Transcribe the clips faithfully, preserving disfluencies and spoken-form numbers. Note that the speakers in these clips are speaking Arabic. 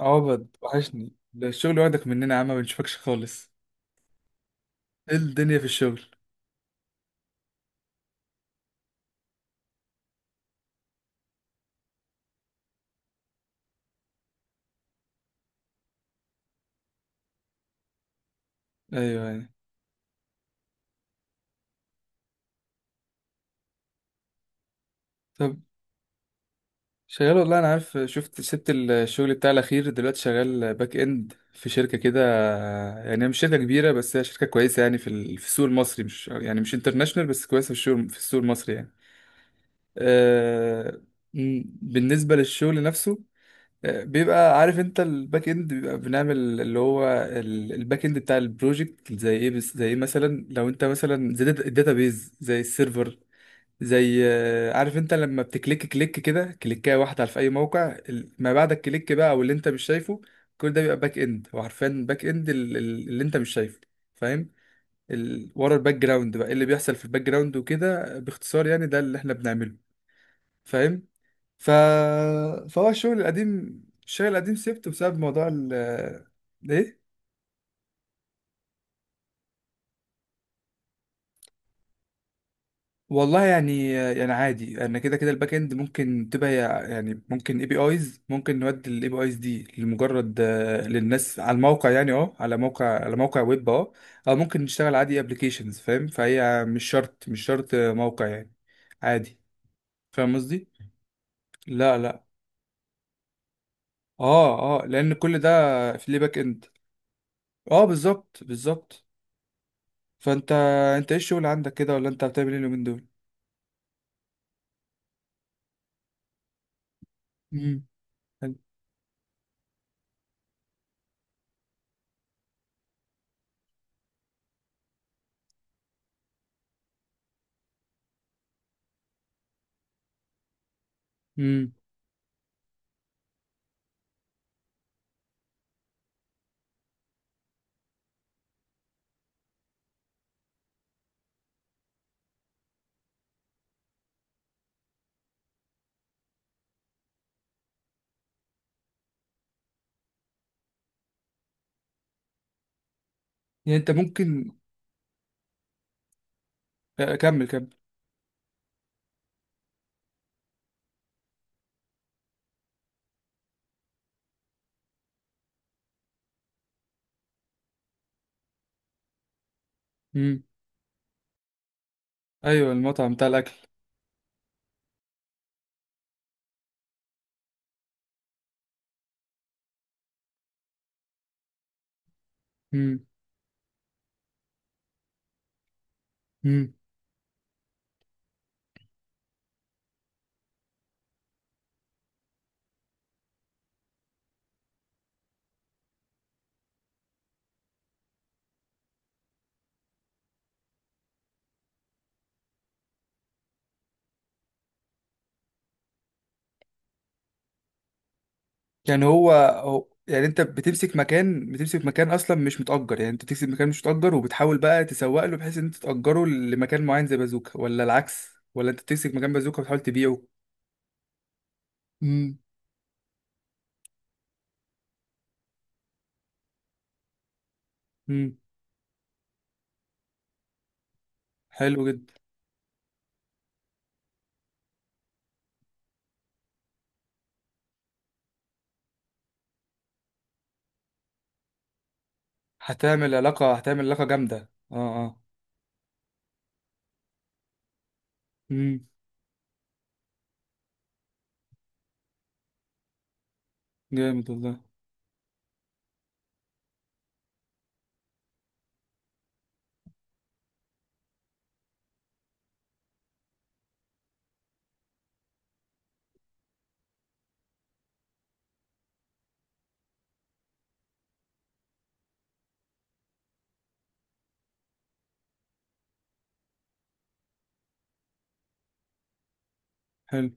عبد وحشني ده الشغل واخدك مننا يا عم، ما بنشوفكش خالص. ايه الدنيا في الشغل؟ ايوه، ايوه. طب. شغال والله، انا عارف شفت سبت الشغل بتاع الاخير، دلوقتي شغال باك اند في شركه كده. يعني هي مش شركه كبيره، بس هي شركه كويسه، يعني في ال- في السوق المصري، مش يعني مش انترناشونال، بس كويسه في السوق في السوق المصري يعني. أه. م- بالنسبه للشغل نفسه، بيبقى عارف انت الباك اند، بيبقى بنعمل اللي هو ال- الباك اند بتاع البروجكت زي ايه. بس زي ايه مثلا، لو انت مثلا زي الداتابيز، زي السيرفر، زي آه، عارف انت لما بتكليك كليك كده كليكايه واحده في اي موقع، ال- ما بعد الكليك بقى، او اللي انت مش شايفه. كل ده بيبقى باك اند. وعارفين باك اند ال- ال- اللي انت مش شايفه. فاهم. ال... ورا الباك جراوند، بقى ايه اللي بيحصل في الباك جراوند وكده، باختصار يعني ده اللي احنا بنعمله. فاهم. ف... فهو الشغل القديم الشغل القديم سبته بسبب موضوع ال ايه. والله يعني يعني عادي، انا كده كده الباك اند ممكن تبقى هي- يعني ممكن اي بي ايز، ممكن نودي الاي بي ايز دي لمجرد، آه، للناس على الموقع يعني، اه، على موقع على موقع ويب، اه. او ممكن نشتغل عادي ابلكيشنز، فاهم، فهي مش شرط مش شرط موقع يعني. عادي. فاهم قصدي. لا، لا. اه، اه، لان كل ده في ليه باك اند. اه، بالظبط، بالظبط. فانت، انت ايه الشغل عندك كده، ولا انت بتعمل ايه اليومين دول؟ امم. حلو. امم. يعني انت ممكن. آه، كمل، كمل. امم. ايوه، المطعم بتاع الاكل. امم، امم. يعني هو هو- يعني انت بتمسك مكان بتمسك مكان اصلا مش متأجر، يعني انت بتمسك مكان مش متأجر وبتحاول بقى تسوق له بحيث ان انت تأجره لمكان معين زي بازوكا، ولا العكس؟ ولا انت بتمسك مكان بازوكا وبتحاول تبيعه؟ امم. امم. حلو جدا. هتعمل علاقة هتعمل علاقة جامدة، اه. اه. امم. جامد والله. حلو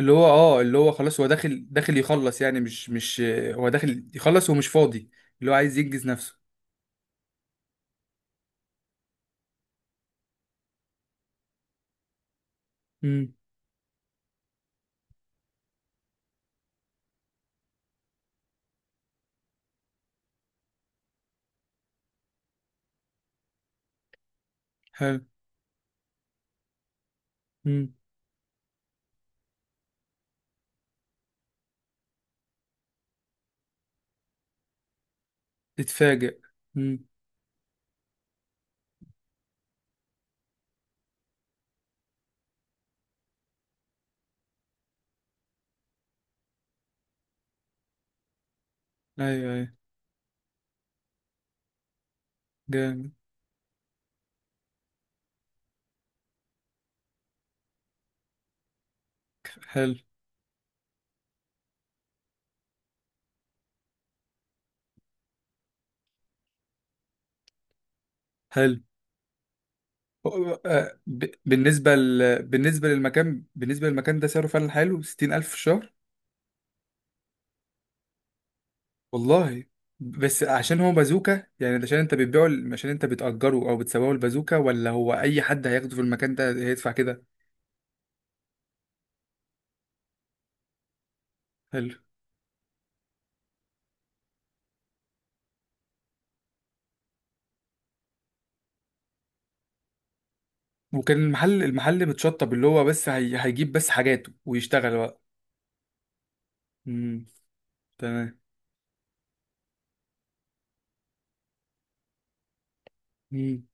اللي هو، اه اللي هو خلاص، هو داخل، داخل يخلص يعني. مش مش هو داخل يخلص ومش فاضي. اللي هو عايز ينجز نفسه. امم، حلو. امم. تتفاجئ. امم. ايوه، ايوه. جامد. حلو، حلو. آه، ب- بالنسبة ل... بالنسبة للمكان بالنسبة للمكان ده سعره فعلا حلو، ستين ألف في الشهر. والله. بس عشان هو بازوكا يعني، ده عشان انت بتبيعه، عشان انت بتأجره او بتسوقه البازوكا، ولا هو اي حد هياخده في المكان ده هيدفع كده؟ حلو. وكان المحل المحل متشطب، اللي هو بس هي... هيجيب بس حاجاته ويشتغل بقى. امم. تمام. امم.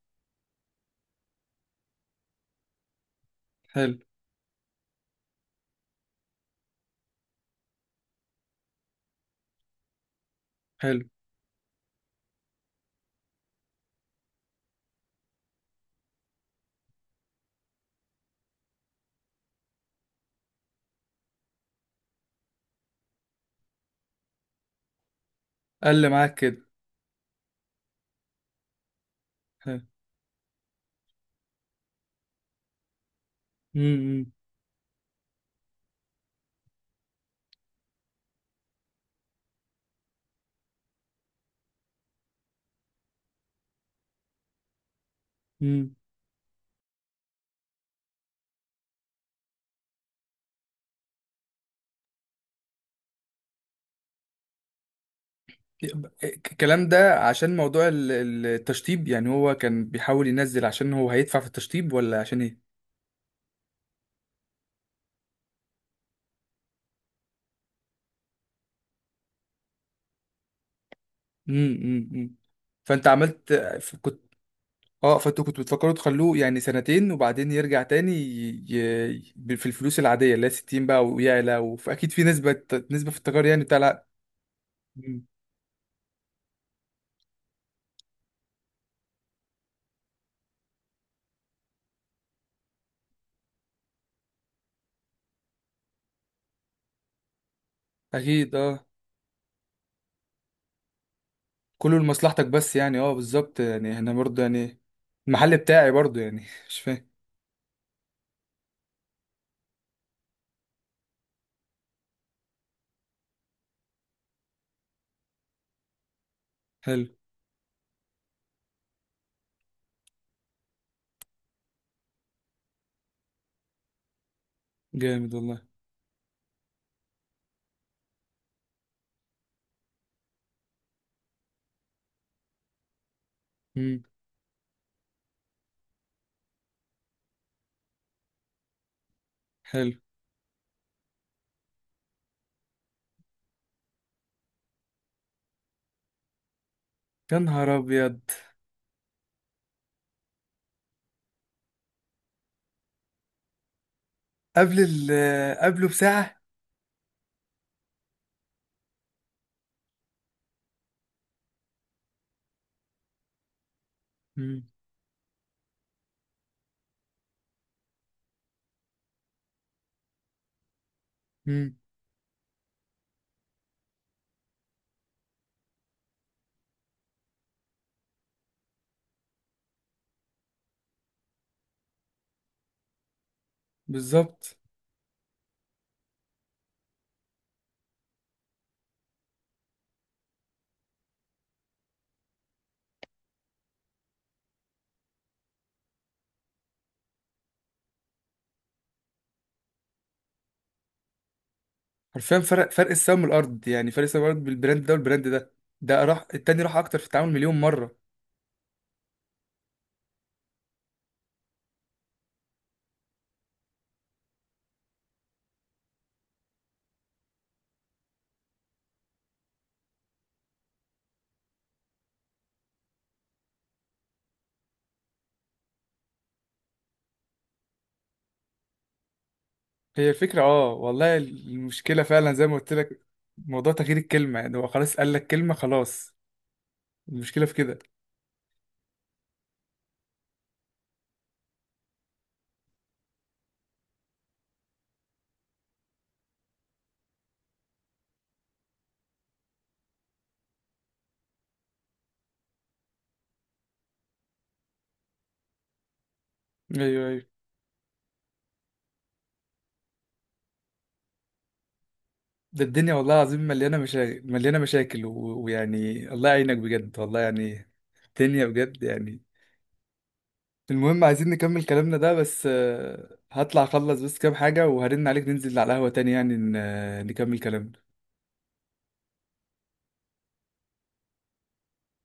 حلو، حلو. قال معاك كده. حلو. امم، امم. الكلام ده عشان موضوع ال- ال- التشطيب يعني، هو كان بيحاول ينزل عشان هو هيدفع في التشطيب، ولا عشان ايه؟ امم، امم. فانت عملت. ف- كنت، اه، فانتوا كنتوا بتفكروا تخلوه يعني سنتين وبعدين يرجع تاني ي... ي... ب- في الفلوس العادية اللي هي ستين بقى ويعلى، وأكيد في نسبة نسبة في التجار يعني بتاع. لا. اكيد، اه. كله لمصلحتك بس يعني، اه، بالظبط يعني، انا برضه يعني، المحل بتاعي برضه يعني مش فاهم. حلو. جامد والله. امم، حلو. يا نهار ابيض. قبل ال قبله بساعه. امم، امم. بالظبط. حرفيا، فرق فرق السما والارض يعني، فرق السما والارض بالبراند ده والبراند ده. ده راح، التاني راح اكتر في التعامل مليون مره. هي الفكره، اه، والله المشكله فعلا زي ما قلت لك، موضوع تغيير الكلمه يعني، هو خلاص قال لك كلمه، خلاص. المشكله في كده. ايوه، ايوه. ده الدنيا والله العظيم، مليانة مشاكل، مليانة مشاكل، و- ويعني الله يعينك بجد، والله يعني. الدنيا بجد يعني. المهم عايزين نكمل كلامنا ده، بس آه، هطلع اخلص بس كام حاجة وهرن عليك ننزل على القهوة تاني، يعني ن- آه، نكمل كلامنا.